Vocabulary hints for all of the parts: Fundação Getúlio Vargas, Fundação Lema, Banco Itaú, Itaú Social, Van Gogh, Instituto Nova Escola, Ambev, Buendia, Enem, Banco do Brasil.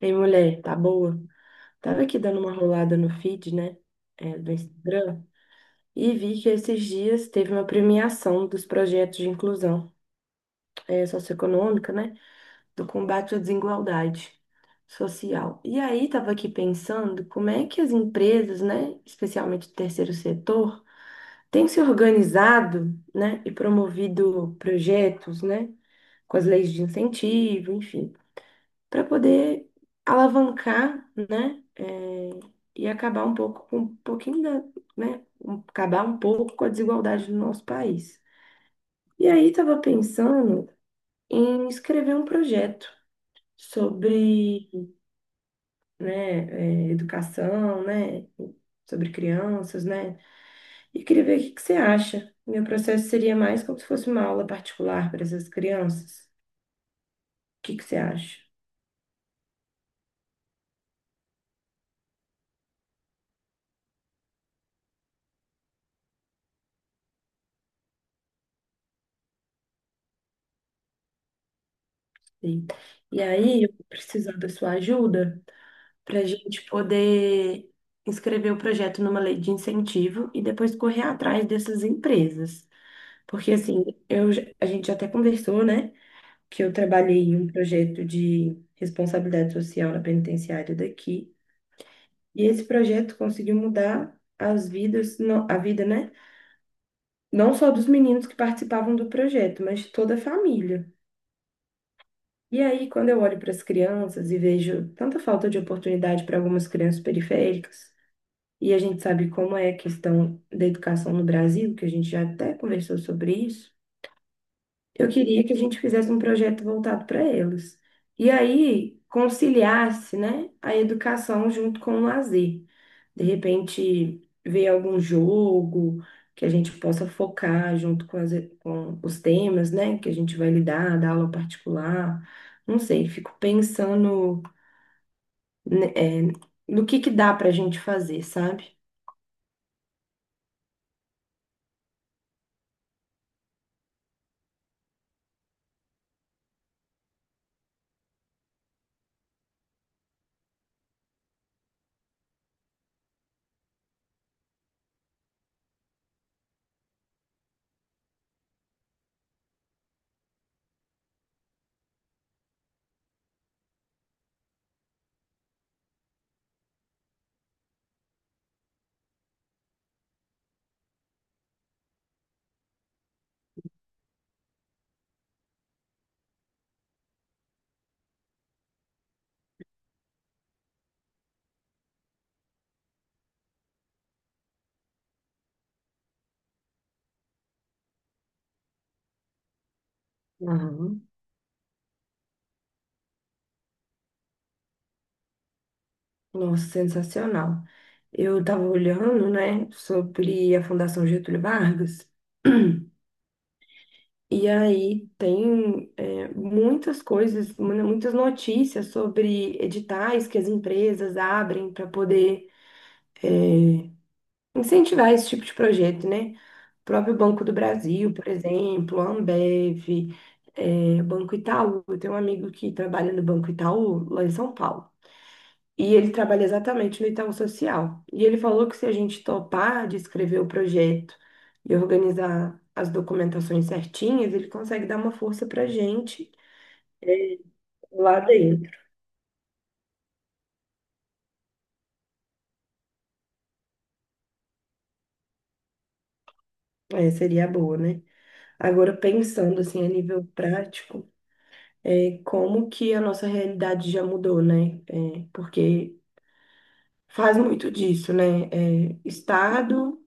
Ei, mulher, tá boa? Tava aqui dando uma rolada no feed, né, do Instagram, e vi que esses dias teve uma premiação dos projetos de inclusão socioeconômica, né, do combate à desigualdade social. E aí tava aqui pensando como é que as empresas, né, especialmente do terceiro setor, têm se organizado, né, e promovido projetos, né, com as leis de incentivo, enfim, para poder alavancar, né? E acabar um pouco com um pouquinho da, Acabar um pouco com a desigualdade do nosso país. E aí estava pensando em escrever um projeto sobre, né, educação, né? Sobre crianças, né? E queria ver o que que você acha. Meu processo seria mais como se fosse uma aula particular para essas crianças. O que que você acha? E e aí, eu vou precisar da sua ajuda para a gente poder inscrever o projeto numa lei de incentivo e depois correr atrás dessas empresas. Porque, assim, a gente até conversou, né, que eu trabalhei em um projeto de responsabilidade social na penitenciária daqui. E esse projeto conseguiu mudar as vidas, não- a vida, né? Não só dos meninos que participavam do projeto, mas de toda a família. E aí, quando eu olho para as crianças e vejo tanta falta de oportunidade para algumas crianças periféricas, e a gente sabe como é a questão da educação no Brasil, que a gente já até conversou sobre isso. Eu queria que a gente fizesse um projeto voltado para elas. E aí conciliasse, né, a educação junto com o lazer. De repente, ver algum jogo que a gente possa focar junto com, com os temas, né, que a gente vai lidar, da aula particular. Não sei, fico pensando, né, no que dá para a gente fazer, sabe? Aham. Nossa, sensacional. Eu estava olhando, né, sobre a Fundação Getúlio Vargas, e aí tem, muitas coisas, né, muitas notícias sobre editais que as empresas abrem para poder é, incentivar esse tipo de projeto, né? O próprio Banco do Brasil, por exemplo, a Ambev, Banco Itaú. Eu tenho um amigo que trabalha no Banco Itaú, lá em São Paulo. E ele trabalha exatamente no Itaú Social. E ele falou que, se a gente topar de escrever o projeto e organizar as documentações certinhas, ele consegue dar uma força pra gente lá dentro. É, seria boa, né? Agora, pensando assim a nível prático, como que a nossa realidade já mudou, né? É, porque faz muito disso, né? É, Estado,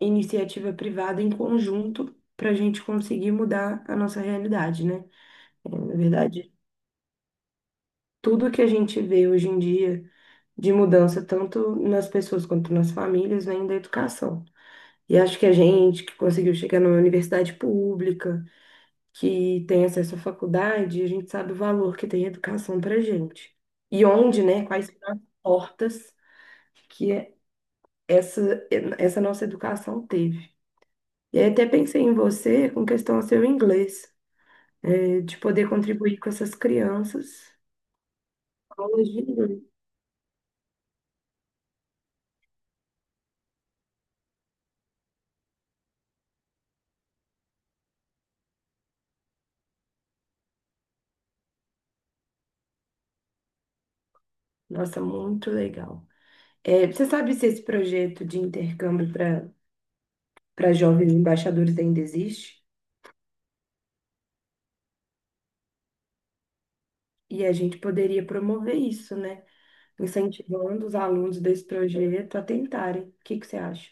iniciativa privada em conjunto para a gente conseguir mudar a nossa realidade, né? Na verdade, tudo que a gente vê hoje em dia de mudança, tanto nas pessoas quanto nas famílias, vem da educação. E acho que a gente que conseguiu chegar numa universidade pública, que tem acesso à faculdade, a gente sabe o valor que tem a educação para a gente. E onde, né, quais são as portas que essa, essa nossa educação teve. E aí até pensei em você com questão ao seu inglês, de poder contribuir com essas crianças. Aulas de inglês. Nossa, muito legal. É, você sabe se esse projeto de intercâmbio para jovens embaixadores ainda existe? E a gente poderia promover isso, né? Incentivando os alunos desse projeto a tentarem. O que que você acha?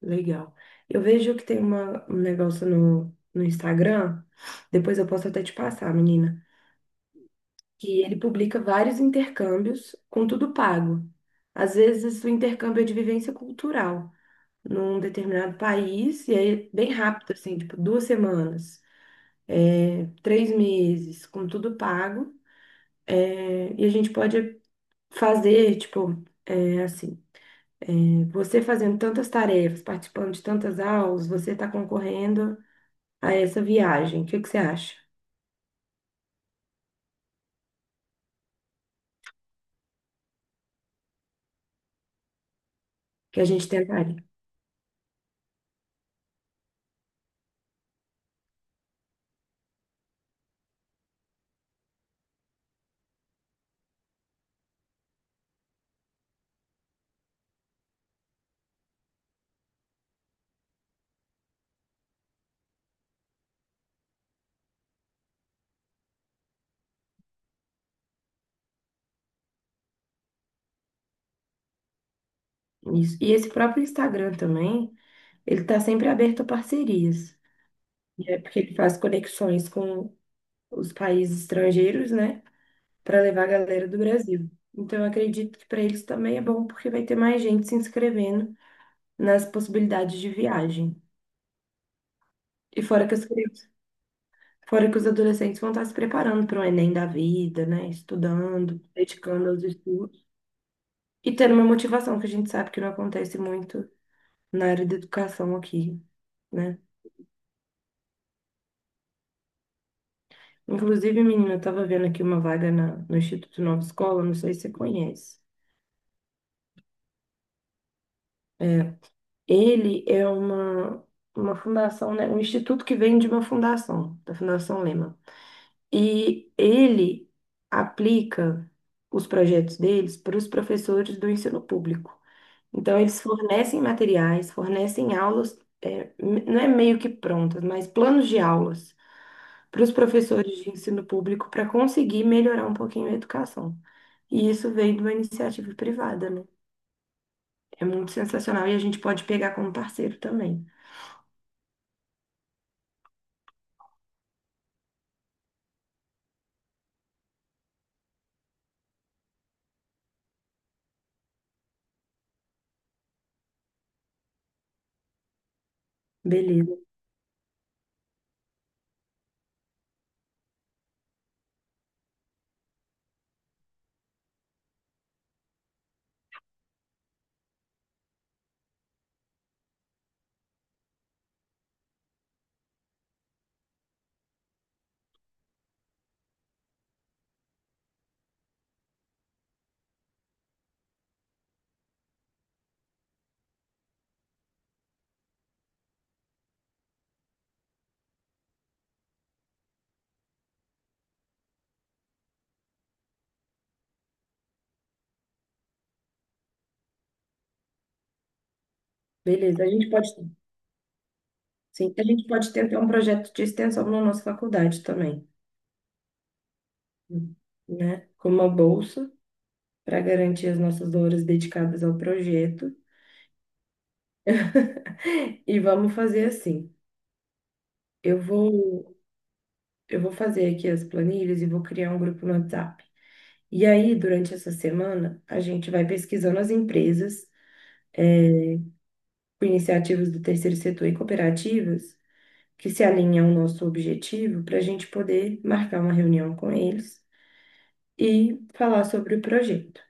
Legal. Eu vejo que tem um negócio no Instagram, depois eu posso até te passar, menina, que ele publica vários intercâmbios com tudo pago. Às vezes o intercâmbio é de vivência cultural num determinado país, e aí é bem rápido, assim, tipo duas semanas. É, três meses, com tudo pago. É, e a gente pode fazer, tipo, é, assim, você fazendo tantas tarefas, participando de tantas aulas, você está concorrendo a essa viagem. O que que você acha? Que a gente tentaria isso. E esse próprio Instagram também, ele está sempre aberto a parcerias. É porque ele faz conexões com os países estrangeiros, né? Para levar a galera do Brasil. Então, eu acredito que para eles também é bom, porque vai ter mais gente se inscrevendo nas possibilidades de viagem. E fora que as crianças, fora que os adolescentes vão estar se preparando para o Enem da vida, né? Estudando, dedicando aos estudos e tendo uma motivação que a gente sabe que não acontece muito na área da educação aqui, né? Inclusive, menina, eu estava vendo aqui uma vaga no Instituto Nova Escola, não sei se você conhece. É, ele é uma fundação, né? Um instituto que vem de uma fundação, da Fundação Lema. E ele aplica os projetos deles para os professores do ensino público. Então, eles fornecem materiais, fornecem aulas, não é meio que prontas, mas planos de aulas para os professores de ensino público para conseguir melhorar um pouquinho a educação. E isso veio de uma iniciativa privada, né? É muito sensacional e a gente pode pegar como parceiro também. Beleza, beleza. A gente pode, sim, a gente pode tentar um projeto de extensão na nossa faculdade também, né, com uma bolsa para garantir as nossas horas dedicadas ao projeto. E vamos fazer assim. Eu vou, eu vou fazer aqui as planilhas e vou criar um grupo no WhatsApp. E aí, durante essa semana, a gente vai pesquisando as empresas com iniciativas do terceiro setor e cooperativas que se alinham ao nosso objetivo para a gente poder marcar uma reunião com eles e falar sobre o projeto.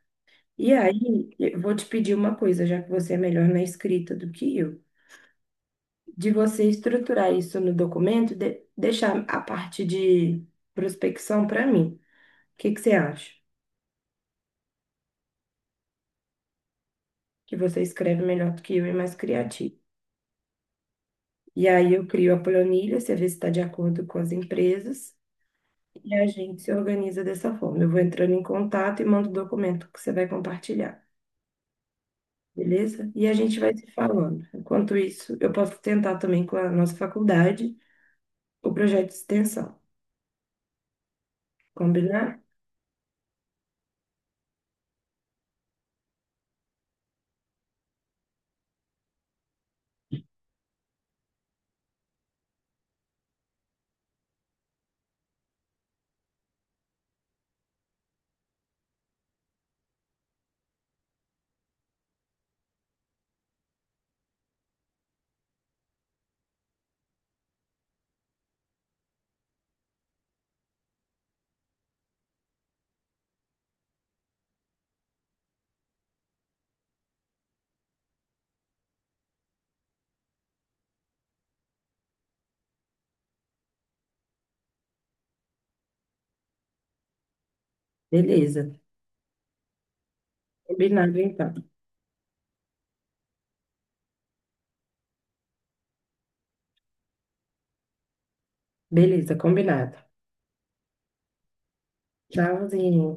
E aí, eu vou te pedir uma coisa, já que você é melhor na escrita do que eu, de você estruturar isso no documento, deixar a parte de prospecção para mim. O que que você acha? Que você escreve melhor do que eu e mais criativo. E aí eu crio a planilha, você vê se está de acordo com as empresas e a gente se organiza dessa forma. Eu vou entrando em contato e mando o documento que você vai compartilhar, beleza? E a gente vai se falando. Enquanto isso, eu posso tentar também com a nossa faculdade o projeto de extensão. Combinar? Beleza. Combinado, então. Beleza, combinado. Tchauzinho.